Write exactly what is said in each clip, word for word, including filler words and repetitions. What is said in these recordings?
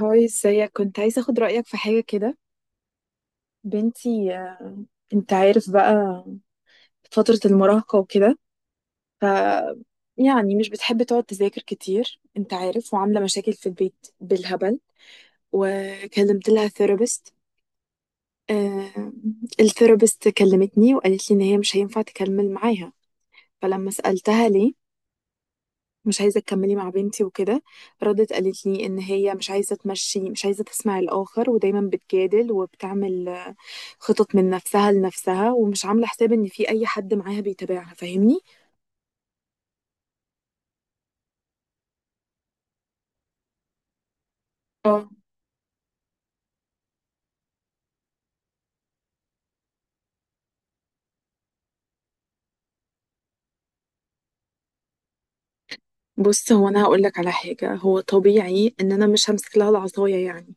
هاي، ازيك؟ كنت عايزة اخد رأيك في حاجة كده. بنتي، آه، انت عارف بقى، فترة المراهقة وكده، ف يعني مش بتحب تقعد تذاكر كتير، انت عارف، وعاملة مشاكل في البيت بالهبل. وكلمت لها ثيرابيست. الثيرابيست كلمتني وقالت لي ان هي مش هينفع تكمل معاها. فلما سألتها ليه مش عايزة تكملي مع بنتي وكده، ردت قالت لي ان هي مش عايزة تمشي، مش عايزة تسمع الآخر، ودايما بتجادل وبتعمل خطط من نفسها لنفسها ومش عاملة حساب ان في اي حد معاها بيتابعها. فاهمني؟ اه. بص، هو انا هقول لك على حاجة. هو طبيعي ان انا مش همسك لها العصاية يعني،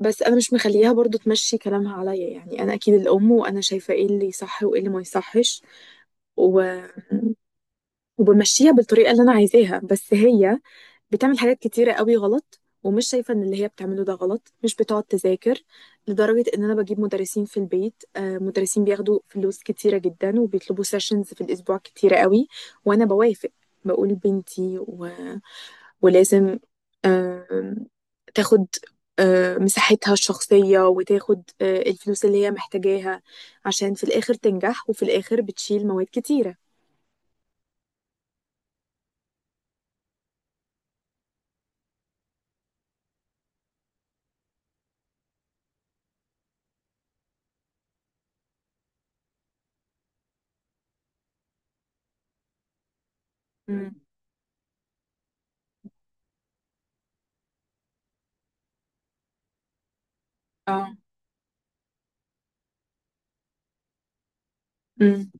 بس انا مش مخليها برضو تمشي كلامها عليا، يعني انا اكيد الام، وانا شايفة ايه اللي صح وايه اللي ما يصحش. و... وبمشيها بالطريقة اللي انا عايزاها، بس هي بتعمل حاجات كتيرة قوي غلط، ومش شايفة ان اللي هي بتعمله ده غلط، مش بتقعد تذاكر، لدرجة ان انا بجيب مدرسين في البيت، آه، مدرسين بياخدوا فلوس كتيرة جدا، وبيطلبوا سيشنز في الاسبوع كتيرة قوي، وانا بوافق، بقول بنتي و... ولازم آم، تاخد آه، مساحتها الشخصية، وتاخد آه، الفلوس اللي هي محتاجاها، عشان في الآخر تنجح، وفي الآخر بتشيل مواد كتيرة. مم. اه. مم.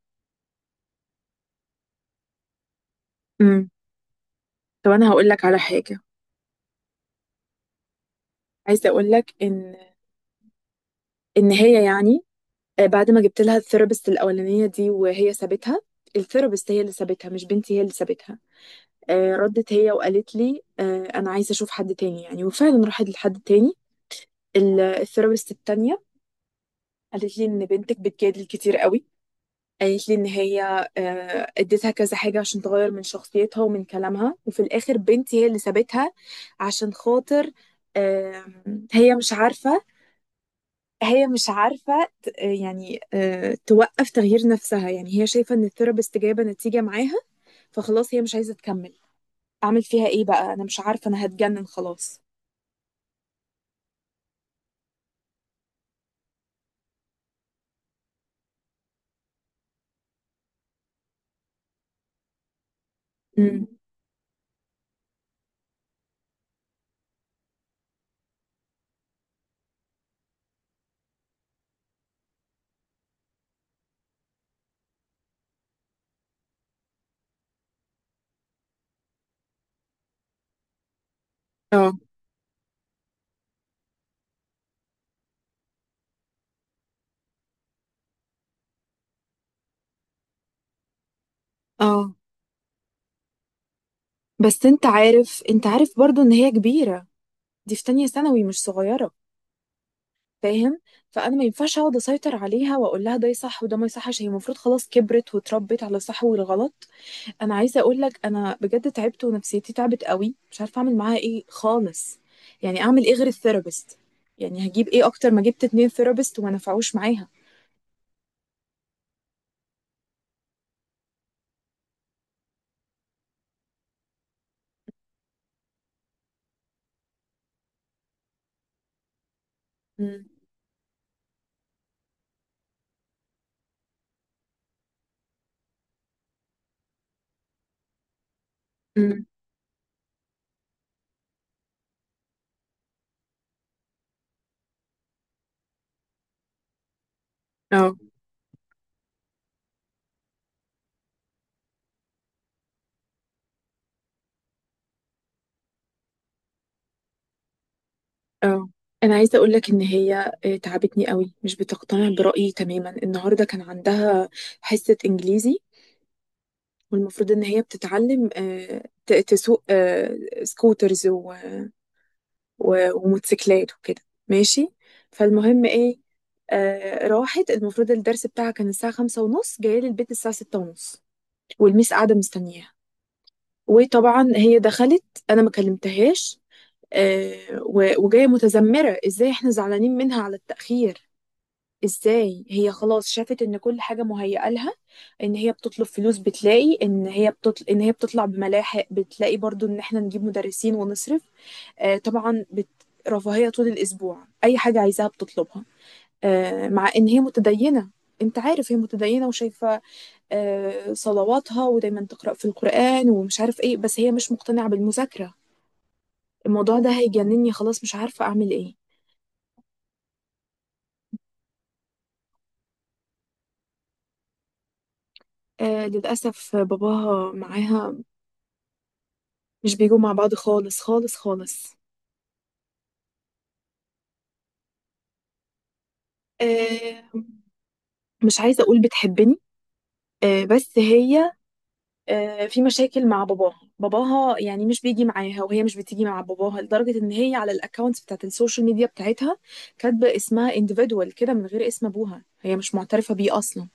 مم. طب انا هقول لك على حاجه، عايزه اقول لك ان ان هي يعني، آه، بعد ما جبت لها الثيرابيست الاولانيه دي وهي سابتها. الثيرابيست هي اللي سابتها، مش بنتي هي اللي سابتها. آه، ردت هي وقالت لي آه، انا عايزه اشوف حد تاني يعني، وفعلا راحت لحد تاني. ال- الثيرابيست التانيه قالت لي ان بنتك بتجادل كتير قوي. قالت لي ان هي آه، اديتها كذا حاجه عشان تغير من شخصيتها ومن كلامها، وفي الاخر بنتي هي اللي سابتها، عشان خاطر آم، هي مش عارفه، هي مش عارفة ت- يعني آه، توقف تغيير نفسها، يعني هي شايفة ان الثيرابيست جايبة نتيجة معاها، فخلاص هي مش عايزة تكمل. اعمل فيها ايه بقى؟ انا مش عارفة، انا هتجنن خلاص. امم. اه. اه. بس انت عارف، انت عارف برضو ان هي كبيرة، دي في تانية ثانوي، مش صغيرة. فاهم؟ فانا ما ينفعش اقعد اسيطر عليها واقول لها ده صح وده ما يصحش، هي المفروض خلاص كبرت واتربت على الصح والغلط. انا عايزه اقول لك، انا بجد تعبت، ونفسيتي تعبت قوي، مش عارفه اعمل معاها ايه خالص. يعني اعمل ايه غير الثيرابيست؟ يعني هجيب ايه اكتر، ما جبت اتنين ثيرابيست وما نفعوش معاها. امم. امم. اه. اه. انا عايزه اقول لك ان هي آه، تعبتني قوي، مش بتقتنع برايي تماما. النهارده كان عندها حصه انجليزي، والمفروض ان هي بتتعلم آه، ت- تسوق آه، سكوترز و- وموتوسيكلات وكده، ماشي. فالمهم ايه؟ آه راحت. المفروض الدرس بتاعها كان الساعة خمسة ونص، جاية لي البيت الساعة ستة ونص، والميس قاعدة مستنياها. وطبعا هي دخلت، أنا ما كلمتهاش. آه و- وجاية متذمرة، ازاي احنا زعلانين منها على التأخير، ازاي هي خلاص شافت ان كل حاجة مهيئة لها، ان هي بتطلب فلوس بتلاقي، ان هي بتطل... ان هي بتطلع بملاحق، بتلاقي برضو ان احنا نجيب مدرسين ونصرف. آه، طبعا، بت... رفاهية طول الأسبوع، أي حاجة عايزاها بتطلبها. آه، مع إن هي متدينة، أنت عارف هي متدينة وشايفة آه، صلواتها، ودايما تقرأ في القرآن ومش عارف إيه، بس هي مش مقتنعة بالمذاكرة. الموضوع ده هيجنني خلاص، مش عارفة أعمل إيه. آه، للأسف باباها معاها، مش بيجوا مع بعض خالص خالص خالص. آه، مش عايزة أقول بتحبني، آه، بس هي آه، في مشاكل مع باباها. باباها يعني مش بيجي معاها، وهي مش بتيجي مع باباها، لدرجة ان هي على الاكونت بتاعت السوشيال ميديا بتاعتها كاتبة اسمها individual كده، من غير اسم ابوها، هي مش معترفة بيه اصلا.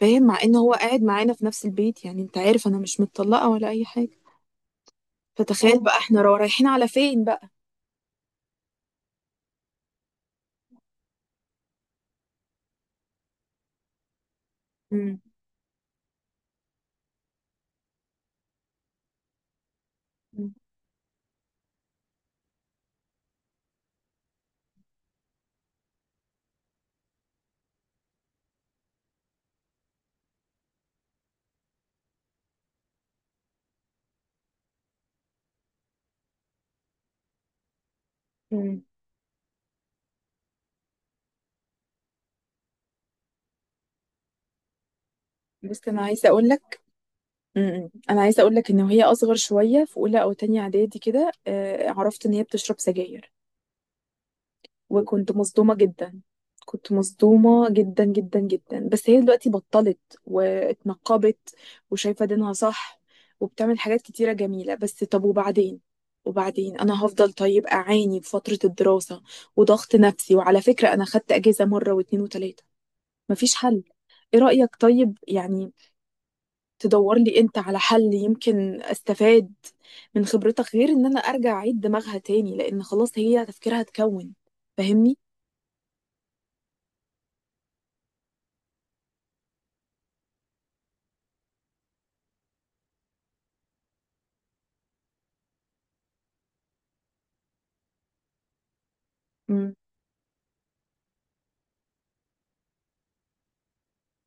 فاهم؟ مع ان هو قاعد معانا في نفس البيت، يعني انت عارف انا مش متطلقة ولا اي حاجة. فتخيل بقى احنا را- رايحين على فين بقى. امم. امم. بس انا عايزه اقول لك امم انا عايزه اقول لك ان وهي اصغر شويه في اولى او تانية اعدادي كده، آه، عرفت ان هي بتشرب سجاير، وكنت مصدومة جدا. كنت مصدومة جدا جدا جدا، بس هي دلوقتي بطلت، واتنقبت، وشايفة دينها صح، وبتعمل حاجات كتيرة جميلة. بس طب وبعدين؟ وبعدين انا هفضل طيب اعاني في فترة الدراسة وضغط نفسي، وعلى فكرة انا خدت اجازة مرة واتنين وتلاتة، مفيش حل. ايه رأيك طيب يعني، تدور لي انت على حل يمكن استفاد من خبرتك، غير ان انا ارجع اعيد دماغها تاني، لان خلاص هي تفكيرها اتكون. فاهمني؟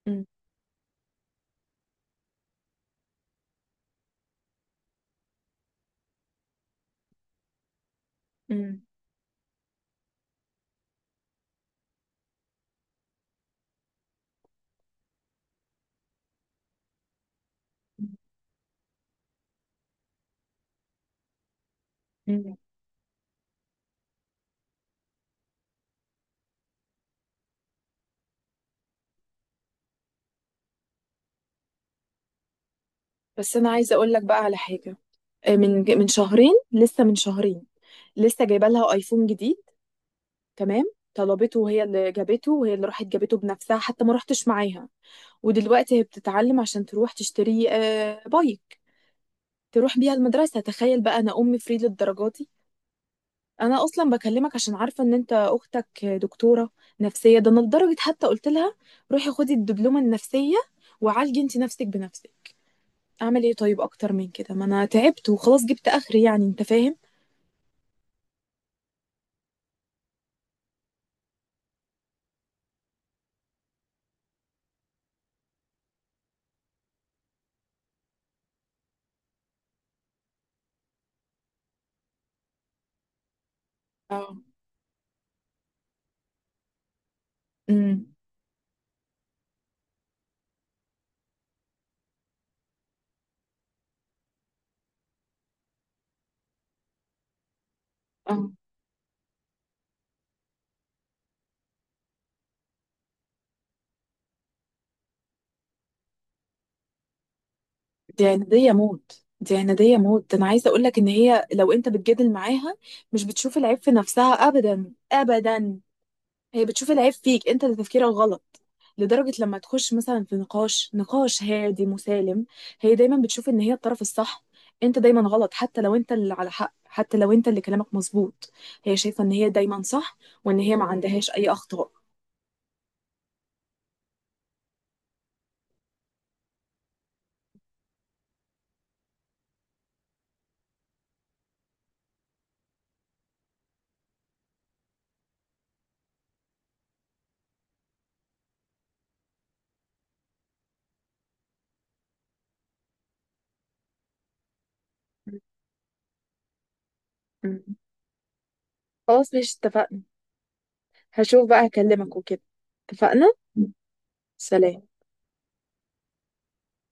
مم. مم. مم. بس انا عايزه اقول لك بقى على حاجه، آه، من من شهرين، لسه من شهرين، لسه جايبه لها ايفون جديد، تمام. طلبته، وهي اللي جابته، وهي اللي راحت جابته بنفسها، حتى ما رحتش معاها. ودلوقتي هي بتتعلم عشان تروح تشتري آه، بايك تروح بيها المدرسه. تخيل بقى، انا ام فري للدرجه دي. انا اصلا بكلمك عشان عارفه ان انت اختك دكتوره نفسيه. ده انا لدرجه حتى قلت لها روحي خدي الدبلومه النفسيه، وعالجي انت نفسك بنفسك. اعمل ايه طيب اكتر من كده؟ ما انا تعبت وخلاص، جبت اخري يعني، انت فاهم. اه. امم. اه. دي عنادية موت، دي عنادية موت. انا عايزة اقولك ان هي لو انت بتجادل معاها مش بتشوف العيب في نفسها ابدا ابدا. هي بتشوف العيب فيك انت، اللي تفكيرك غلط. لدرجة لما تخش مثلا في نقاش نقاش هادي مسالم، هي دايما بتشوف ان هي الطرف الصح، انت دايما غلط، حتى لو انت اللي على حق، حتى لو انت اللي كلامك مظبوط. هي شايفة ان هي دايما صح، وان هي ما عندهاش اي اخطاء. مم. خلاص، مش اتفقنا، هشوف بقى، هكلمك وكده. اتفقنا. سلام.